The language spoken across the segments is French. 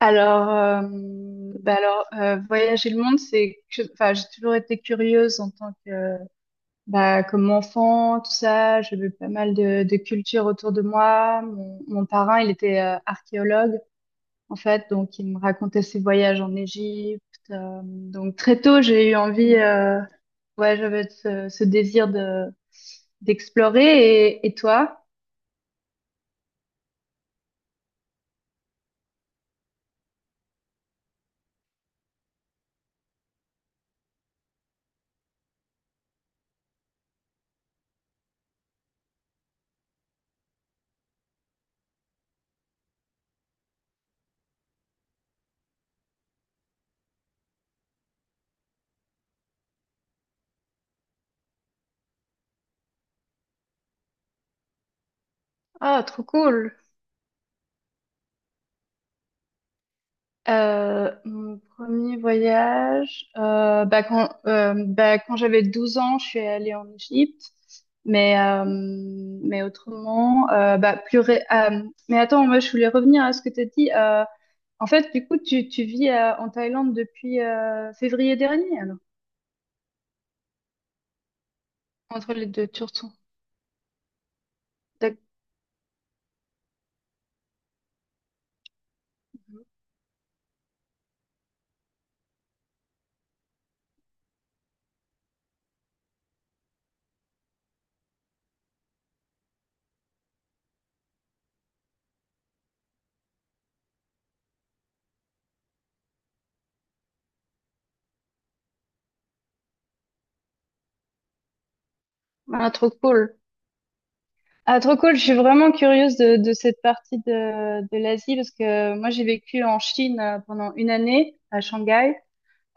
Alors, bah alors voyager le monde, c'est que, enfin, j'ai toujours été curieuse en tant que, bah, comme enfant, tout ça. J'ai vu pas mal de cultures autour de moi. Mon parrain, il était archéologue, en fait, donc il me racontait ses voyages en Égypte. Donc très tôt, j'ai eu envie, ouais, j'avais ce désir de d'explorer. Et toi? Ah, trop cool. Mon premier voyage, bah quand, j'avais 12 ans, je suis allée en Égypte. Mais, euh, mais autrement, mais attends, moi je voulais revenir à ce que tu as dit. En fait, du coup, tu vis en Thaïlande depuis février dernier, alors, entre les deux tours. Ah, trop cool. Ah, trop cool. Je suis vraiment curieuse de cette partie de l'Asie parce que moi, j'ai vécu en Chine pendant une année à Shanghai.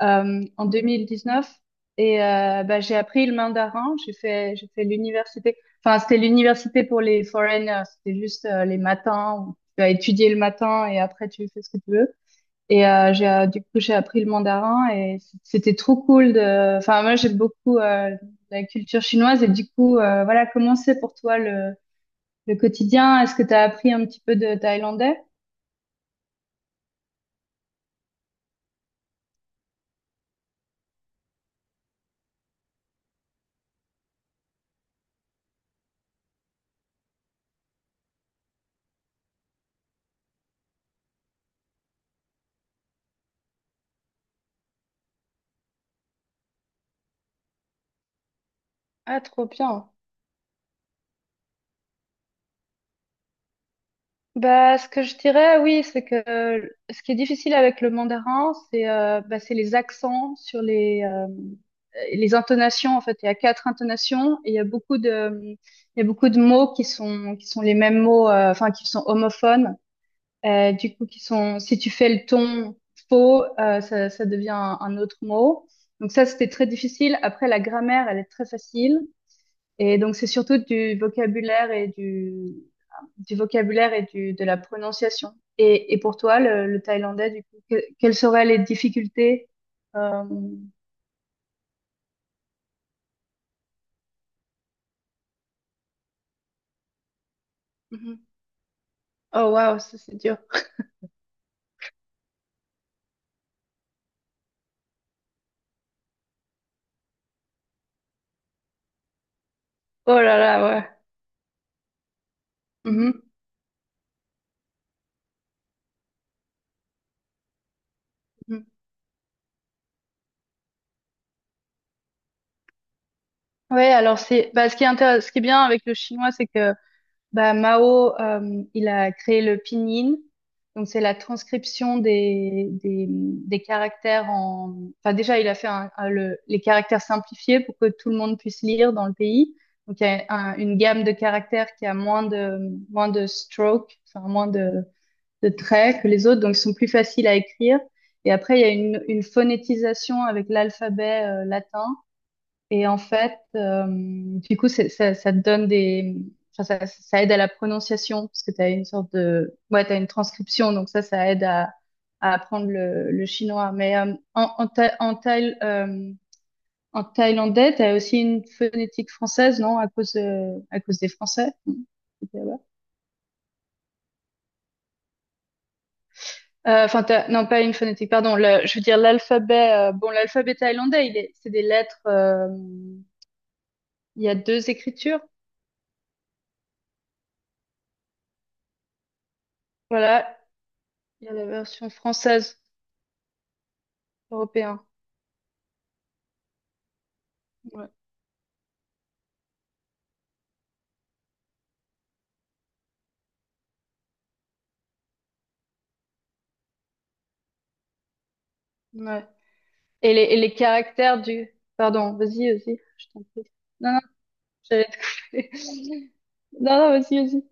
En 2019 et bah, j'ai appris le mandarin. J'ai fait l'université. Enfin, c'était l'université pour les foreigners. C'était juste les matins où tu vas étudier le matin et après tu fais ce que tu veux. Et j'ai du coup j'ai appris le mandarin et c'était trop cool de. Enfin, moi j'aime beaucoup la culture chinoise et du coup voilà comment c'est pour toi le quotidien? Est-ce que tu as appris un petit peu de thaïlandais? Ah, trop bien. Bah, ce que je dirais, oui, c'est que ce qui est difficile avec le mandarin, c'est bah, c'est les accents sur les intonations. En fait, il y a quatre intonations et il y a beaucoup de mots qui sont les mêmes mots, enfin qui sont homophones. Du coup, qui sont si tu fais le ton faux, ça devient un autre mot. Donc ça, c'était très difficile. Après, la grammaire, elle est très facile. Et donc, c'est surtout du vocabulaire et du vocabulaire et de la prononciation. Et pour toi, le thaïlandais, du coup, quelles seraient les difficultés? Euh, mhm. Oh, waouh, ça c'est dur. Oh là là, ouais. Mhm, mhm. Ouais, alors c'est, bah, ce qui est ce qui est bien avec le chinois, c'est que bah, Mao, il a créé le pinyin. Donc, c'est la transcription des caractères en... Enfin, déjà, il a fait les caractères simplifiés pour que tout le monde puisse lire dans le pays. Donc, il y a une gamme de caractères qui a moins de strokes, enfin, moins de traits que les autres. Donc, ils sont plus faciles à écrire. Et après, il y a une phonétisation avec l'alphabet, latin. Et en fait, du coup, ça te donne des... Enfin, ça aide à la prononciation, parce que tu as une sorte de... Ouais, tu une transcription, donc ça aide à apprendre le chinois. Mais en thaïlandais, tu as aussi une phonétique française, non? À cause des Français. Non, c'était là-bas. Enfin, non, pas une phonétique, pardon. Je veux dire l'alphabet. L'alphabet thaïlandais, c'est des lettres. Il y a deux écritures. Voilà. Il y a la version française. Européen. Ouais. Ouais. Et les caractères du... Pardon, vas-y, vas-y, je t'en prie. Non, non, j'allais te couper. Non, non, vas-y, vas-y.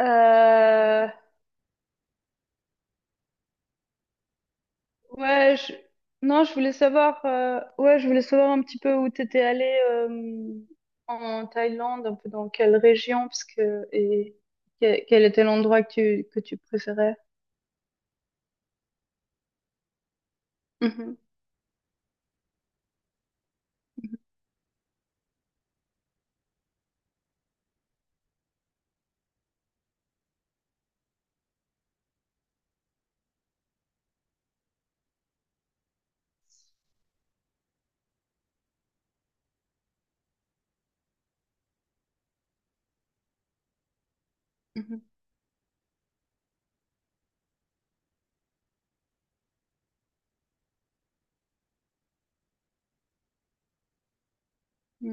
Euh, Ouais, je... Non, ouais, je voulais savoir un petit peu où t'étais allé en Thaïlande, un peu dans quelle région, parce que... Et quel était l'endroit que tu préférais. Mhm, mhm.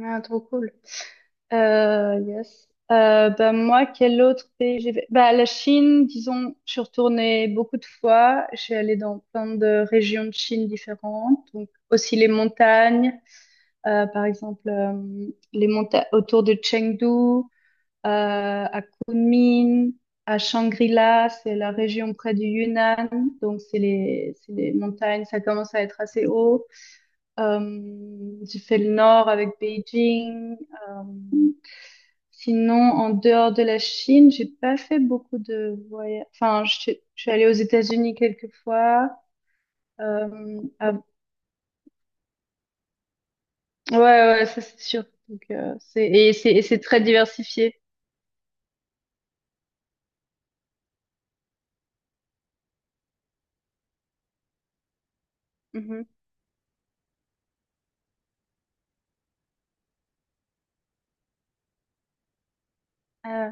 Ah, trop cool. Yes. Bah, moi, quel autre pays j'ai fait? Bah, la Chine, disons, je suis retournée beaucoup de fois. Je suis allée dans plein de régions de Chine différentes. Donc, aussi les montagnes, par exemple, les montagnes autour de Chengdu, à Kunming, à Shangri-La, c'est la région près du Yunnan. Donc, c'est les montagnes, ça commence à être assez haut. Euh, j'ai fait le nord avec Beijing. Euh, sinon, en dehors de la Chine, j'ai pas fait beaucoup de voyages. Enfin, je suis allée aux États-Unis quelques fois. Ah, ouais, ouais, ouais, ça c'est sûr. Donc, et c'est très diversifié. Mhm. Euh,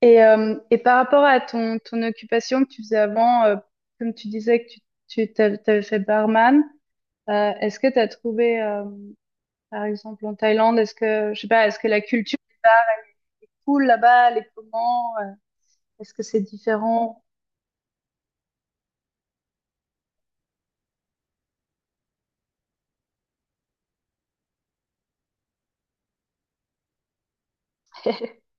et par rapport à ton occupation que tu faisais avant, comme tu disais que tu t'avais fait barman, est-ce que tu as trouvé par exemple, en Thaïlande, est-ce que, je sais pas, est-ce que la culture est cool là-bas? Les comment? Est-ce que c'est différent?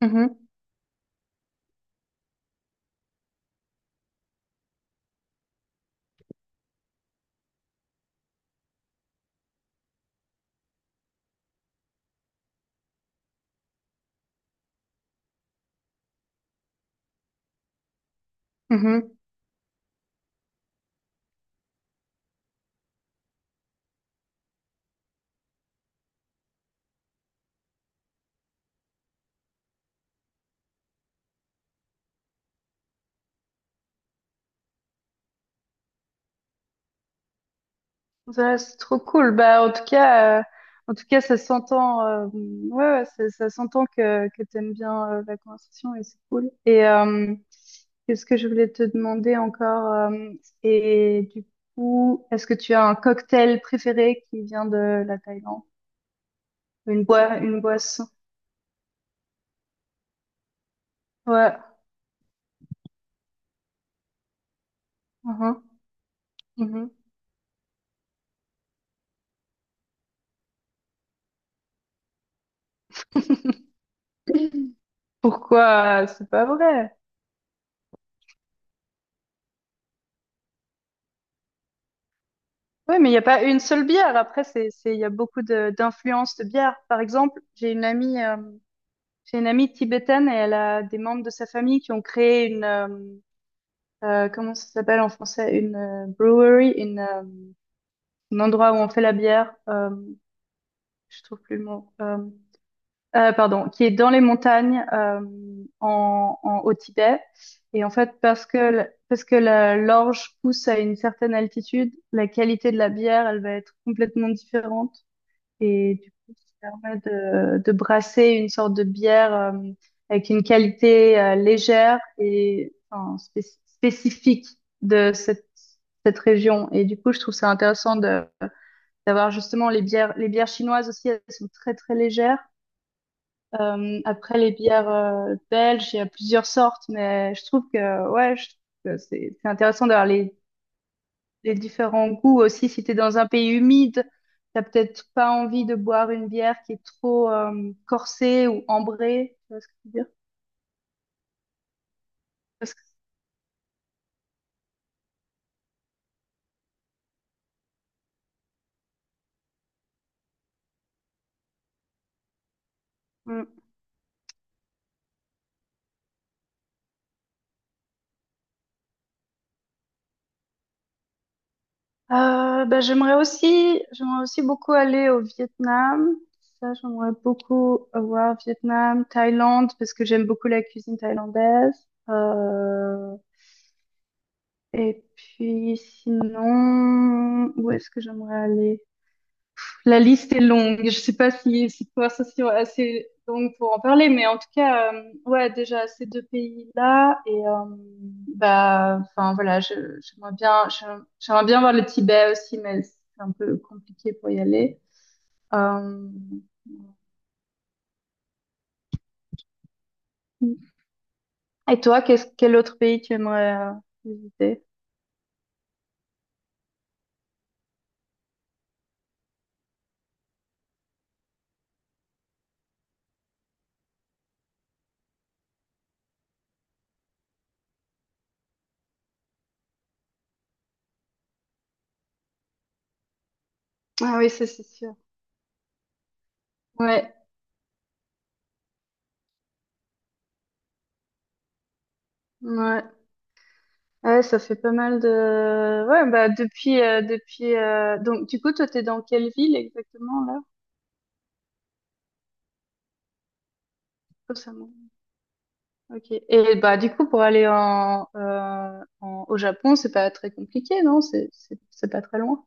Mhm, mhm. Mhm. Ça, c'est trop cool. Bah, en tout cas, ça s'entend. Ouais, ouais, ça s'entend que t'aimes bien la conversation et c'est cool. Qu'est-ce que je voulais te demander encore? Et du coup, est-ce que tu as un cocktail préféré qui vient de la Thaïlande? Une boisson, une boisson. Ouais. Mhm, mhm. Pourquoi? C'est pas vrai. Oui, mais il n'y a pas une seule bière. Après, il y a beaucoup d'influences de bière. Par exemple, j'ai une amie tibétaine et elle a des membres de sa famille qui ont créé une, comment ça s'appelle en français? Une brewery, un endroit où on fait la bière. Je trouve plus le mot. Pardon, qui est dans les montagnes au Tibet. Et en fait, parce que, l'orge pousse à une certaine altitude, la qualité de la bière, elle va être complètement différente. Et du coup, ça permet de brasser une sorte de bière avec une qualité légère et enfin, spécifique de cette région. Et du coup, je trouve ça intéressant d'avoir justement les bières chinoises aussi, elles sont très très légères. Après, les bières belges, il y a plusieurs sortes, mais je trouve que, ouais, je trouve que c'est intéressant d'avoir les différents goûts aussi. Si t'es dans un pays humide, t'as peut-être pas envie de boire une bière qui est trop corsée ou ambrée. Tu vois ce que je veux dire? Parce que- Mm. Ben, j'aimerais aussi beaucoup aller au Vietnam. Ça, j'aimerais beaucoup voir Vietnam, Thaïlande, parce que j'aime beaucoup la cuisine thaïlandaise. Euh, Et puis sinon, où est-ce que j'aimerais aller? La liste est longue. Je sais pas si cette conversation est assez longue pour en parler, mais en tout cas, ouais, déjà ces deux pays-là et bah, enfin voilà, j'aimerais bien, j'aimerais bien voir le Tibet aussi, mais c'est un peu compliqué pour y aller. Euh, et toi, quel autre pays tu aimerais visiter? Ah oui, ça c'est sûr. Ouais, ouais. Ouais, ça fait pas mal de... Ouais, bah depuis... depuis Donc, du coup, toi, t'es dans quelle ville exactement, là? Récemment. Ok. Et bah, du coup, pour aller en, au Japon, c'est pas très compliqué, non? C'est pas très loin.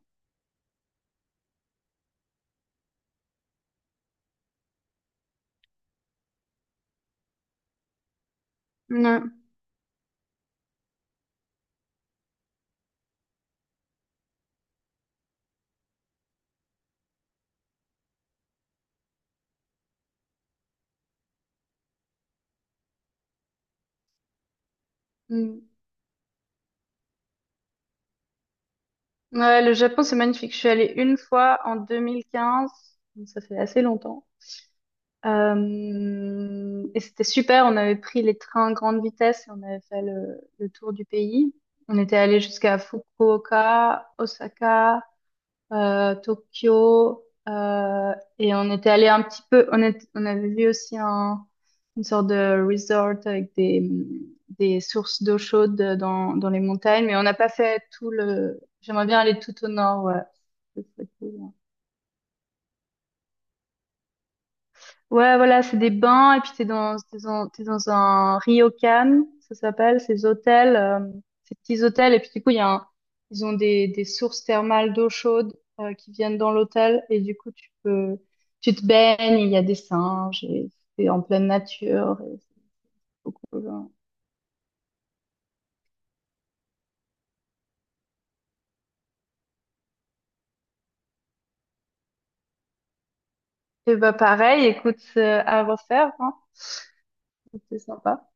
Ouais. Mm. Ouais, le Japon, c'est magnifique. Je suis allée une fois en 2015, donc ça fait assez longtemps. Et c'était super, on avait pris les trains à grande vitesse et on avait fait le tour du pays. On était allé jusqu'à Fukuoka, Osaka, Tokyo, et on était allé un petit peu, on avait vu aussi une sorte de resort avec des sources d'eau chaude dans les montagnes, mais on n'a pas fait tout le... J'aimerais bien aller tout au nord, ouais. Ce serait cool. Ouais, voilà, c'est des bains et puis t'es dans un ryokan, ça s'appelle, ces petits hôtels. Et puis du coup, il y a un- ils ont des sources thermales d'eau chaude qui viennent dans l'hôtel et du coup, tu te baignes, il y a des singes et c'est en pleine nature et c'est beaucoup. Et bah pareil, écoute, à refaire, hein, c'est sympa.